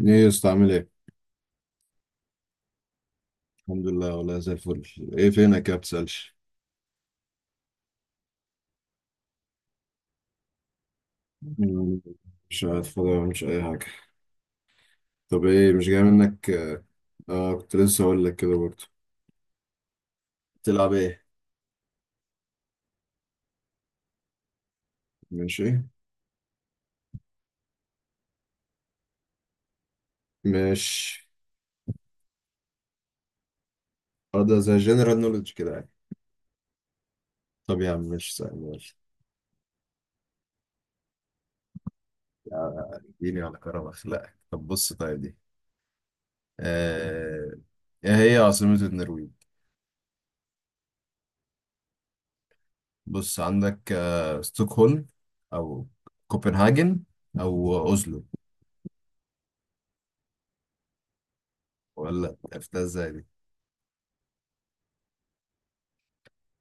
ايه يا اسطى عامل ايه؟ الحمد لله والله زي الفل. ايه فينك يا بتسألش؟ مم، مش قاعد فاضي ولا مش اي حاجة. طب ايه مش جاي منك اه. كنت لسه اقول لك كده برضه. تلعب ايه؟ ماشي. مش اه ده زي جنرال نولج كده يعني. طب يا عم مش سهل ماشي. يعني اديني على كرم اخلاقك. طب بص طيب دي آه... ايه هي عاصمة النرويج؟ بص عندك ستوكهولم او كوبنهاجن او اوزلو. ولا عرفتها ازاي دي؟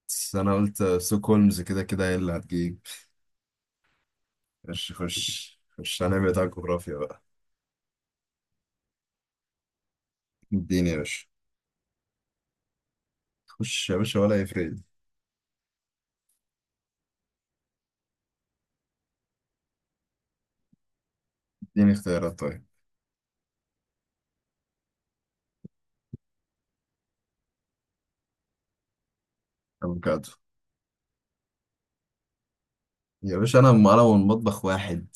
بس انا قلت ستوكهولمز كده كده هي اللي هتجيب. خش خش خش، هنعمل بتاع الجغرافيا بقى. اديني يا باشا. خش يا باشا ولا يفرق. اديني اختيارات طيب. افوكادو. يا باشا انا معلم والمطبخ واحد.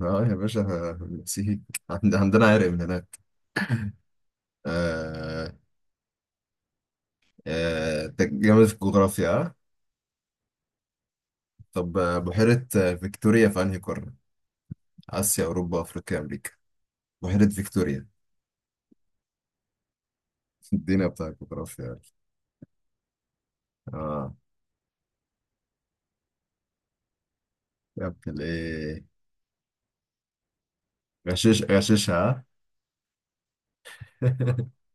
اه يا باشا، نسيت. عندنا عرق من هناك. آه. آه جامد في الجغرافيا آه؟ طب بحيرة فيكتوريا في انهي قارة؟ آسيا، أوروبا، أفريقيا، أمريكا. بحيرة فيكتوريا. الدنيا بتاع الجغرافيا. اه يا ابن الايه، غشش غششها.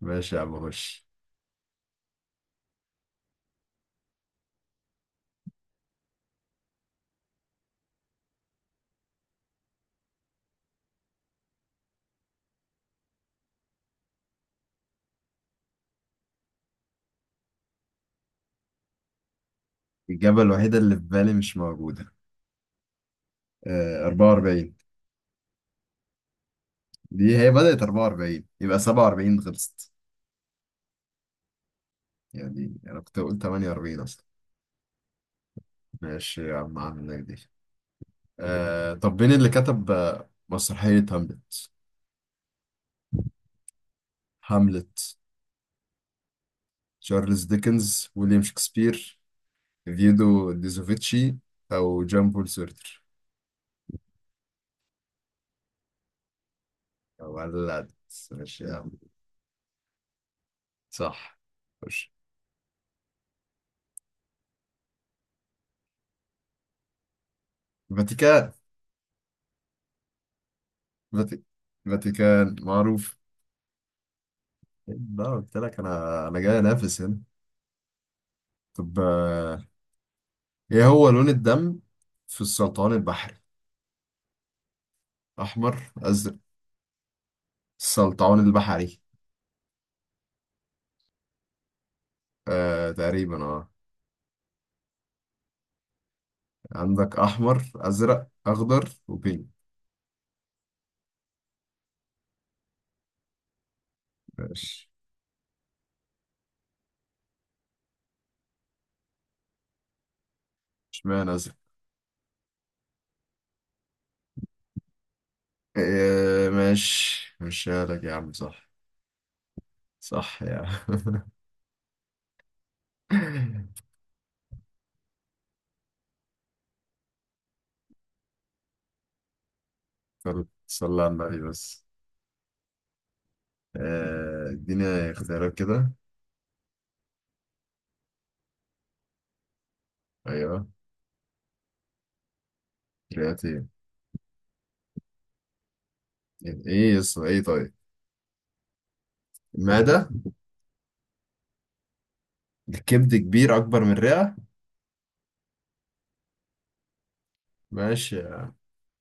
ماشي يا عم خش. الإجابة الوحيدة اللي في بالي مش موجودة. 44. دي هي بدأت 44 يبقى 47 خلصت. يعني أنا كنت أقول 48 أصلا. ماشي يا عم عندك دي. آه، طب مين اللي كتب مسرحية هاملت؟ هاملت. تشارلز ديكنز، ويليام شكسبير، فيدو ديزوفيتشي، أو جان بول سورتر. ولد. ماشي يا عم، صح. خش. فاتيكان. فاتي- فاتيكان معروف. لا قلت لك، انا جاي انافس هنا. طب ايه هو لون الدم في السلطعون البحري؟ احمر، ازرق. السلطعون البحري. آه تقريبا اه. عندك احمر، ازرق، اخضر وبينك. ماشي. اشمعنى ازرق. آه ماشي، ماشي لك يا عم صح. صح يا عم. صلى على النبي بس. اديني اختيارات كده. ايوه. كرياتين. ايه يس ايه طيب. المعدة. الكبد كبير أكبر من الرئة. ماشي يا،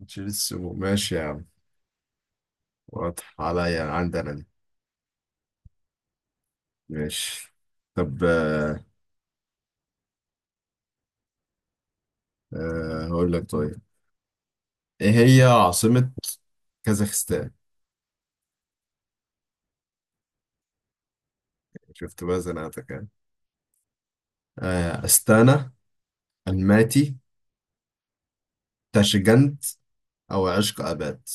شيل السموم ماشي يا عم. واضح عليا عندنا دي. ماشي. طب آه. آه هقول لك طيب. إيه هي عاصمة كازاخستان؟ شفت بقى زنقتك يعني. آه أستانا، الماتي، تاشجنت، أو عشق أباد.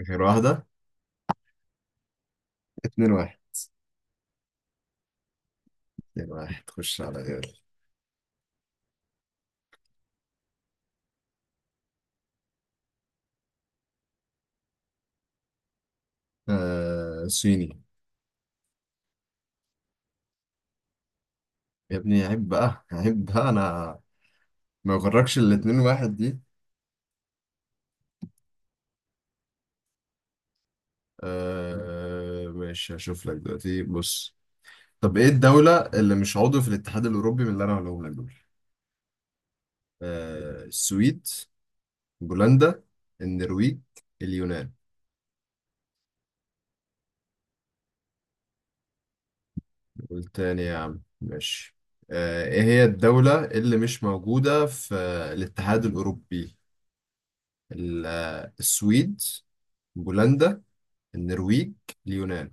آخر واحدة. اتنين واحد. اتنين واحد، خش على غيري. آه صيني. يا ابني عيب بقى، عيب بقى. أنا ما يغركش الاتنين واحد دي. آه ماشي، هشوف لك دلوقتي بص. طب ايه الدولة اللي مش عضو في الاتحاد الأوروبي من اللي أنا هقولهم لك دول؟ السويد، بولندا، النرويج، اليونان. والتاني يا عم ماشي. آه ايه هي الدولة اللي مش موجودة في الاتحاد الأوروبي؟ السويد، بولندا، النرويج، اليونان.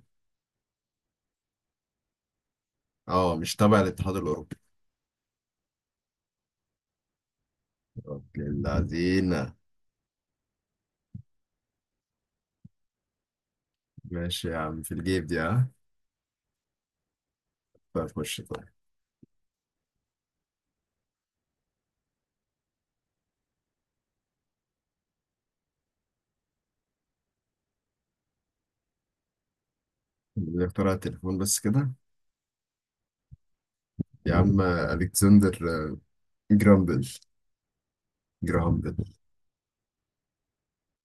اه مش تبع الاتحاد الأوروبي. اوكي العزيمة. ماشي يا عم في الجيب دي ها. فخش. اللي اخترع التليفون بس كده. يا عم الكسندر جرامبل جرامبل.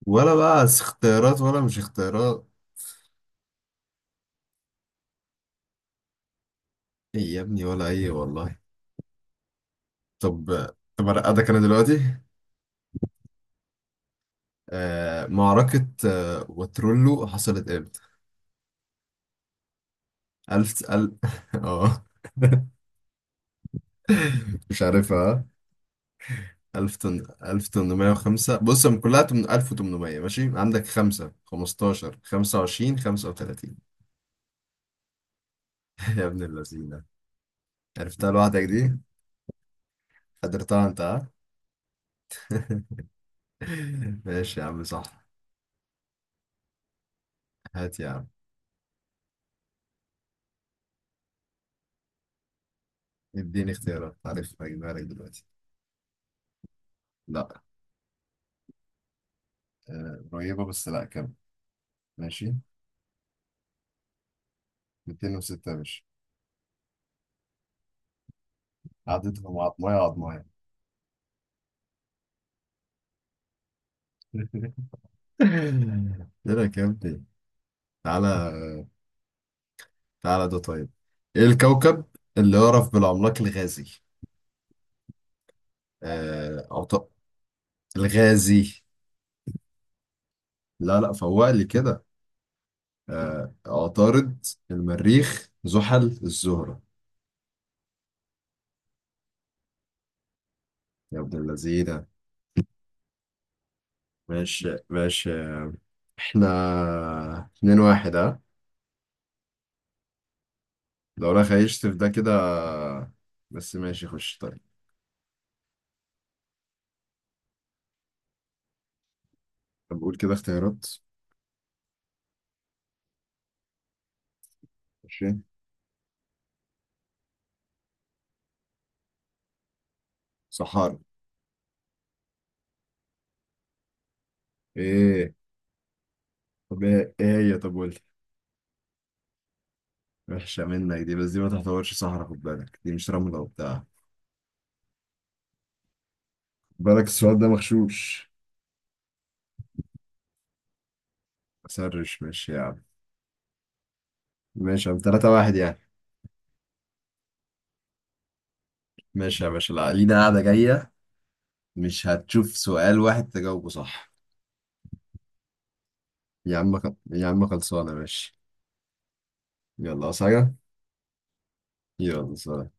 ولا بقى اختيارات ولا مش اختيارات. ايه يا ابني ولا ايه والله. طب. طب ارقدك انا دلوقتي. آه، معركة واترولو حصلت امتى؟ ألف اه. مش عارفها. 1805، بص هم كلها 1800، ماشي عندك 5، 15، 25، 35. يا ابن اللذينة. عرفتها لوحدك دي؟ قدرتها انت آه؟ ماشي يا عم صح. هات يا عم. اديني اختيارات، عارف هجيبها لك دلوقتي. لا. قريبة بس لا كمل. ماشي. 206 يا باشا. عددهم عضماية عضماية. لا كمل. تعالى. تعالى ده طيب. ايه الكوكب اللي يعرف بالعملاق الغازي؟ آه عط... الغازي. لا لا، فوق لي كده. آه عطارد، المريخ، زحل، الزهرة. يا ابن اللذينة. ماشي ماشي. احنا اتنين واحد ها. لو رايح هيشتف ده كده. بس ماشي خش طيب. طب قول كده اختيارات. ماشي. صحارى. ايه؟ طب ايه ايه هي؟ طب قول لي. وحشة منك دي، بس دي ما تعتبرش صحرا، خد بالك دي مش رملة وبتاع. خد بالك السؤال ده مغشوش. سرش ماشي يا عم. ماشي يا عم، تلاتة واحد يعني. ماشي يا باشا، لا لينا قاعدة جاية. مش هتشوف سؤال واحد تجاوبه صح. يا عم يا عم خلصانة ماشي. يلا عاوز حاجة. يلا سلام.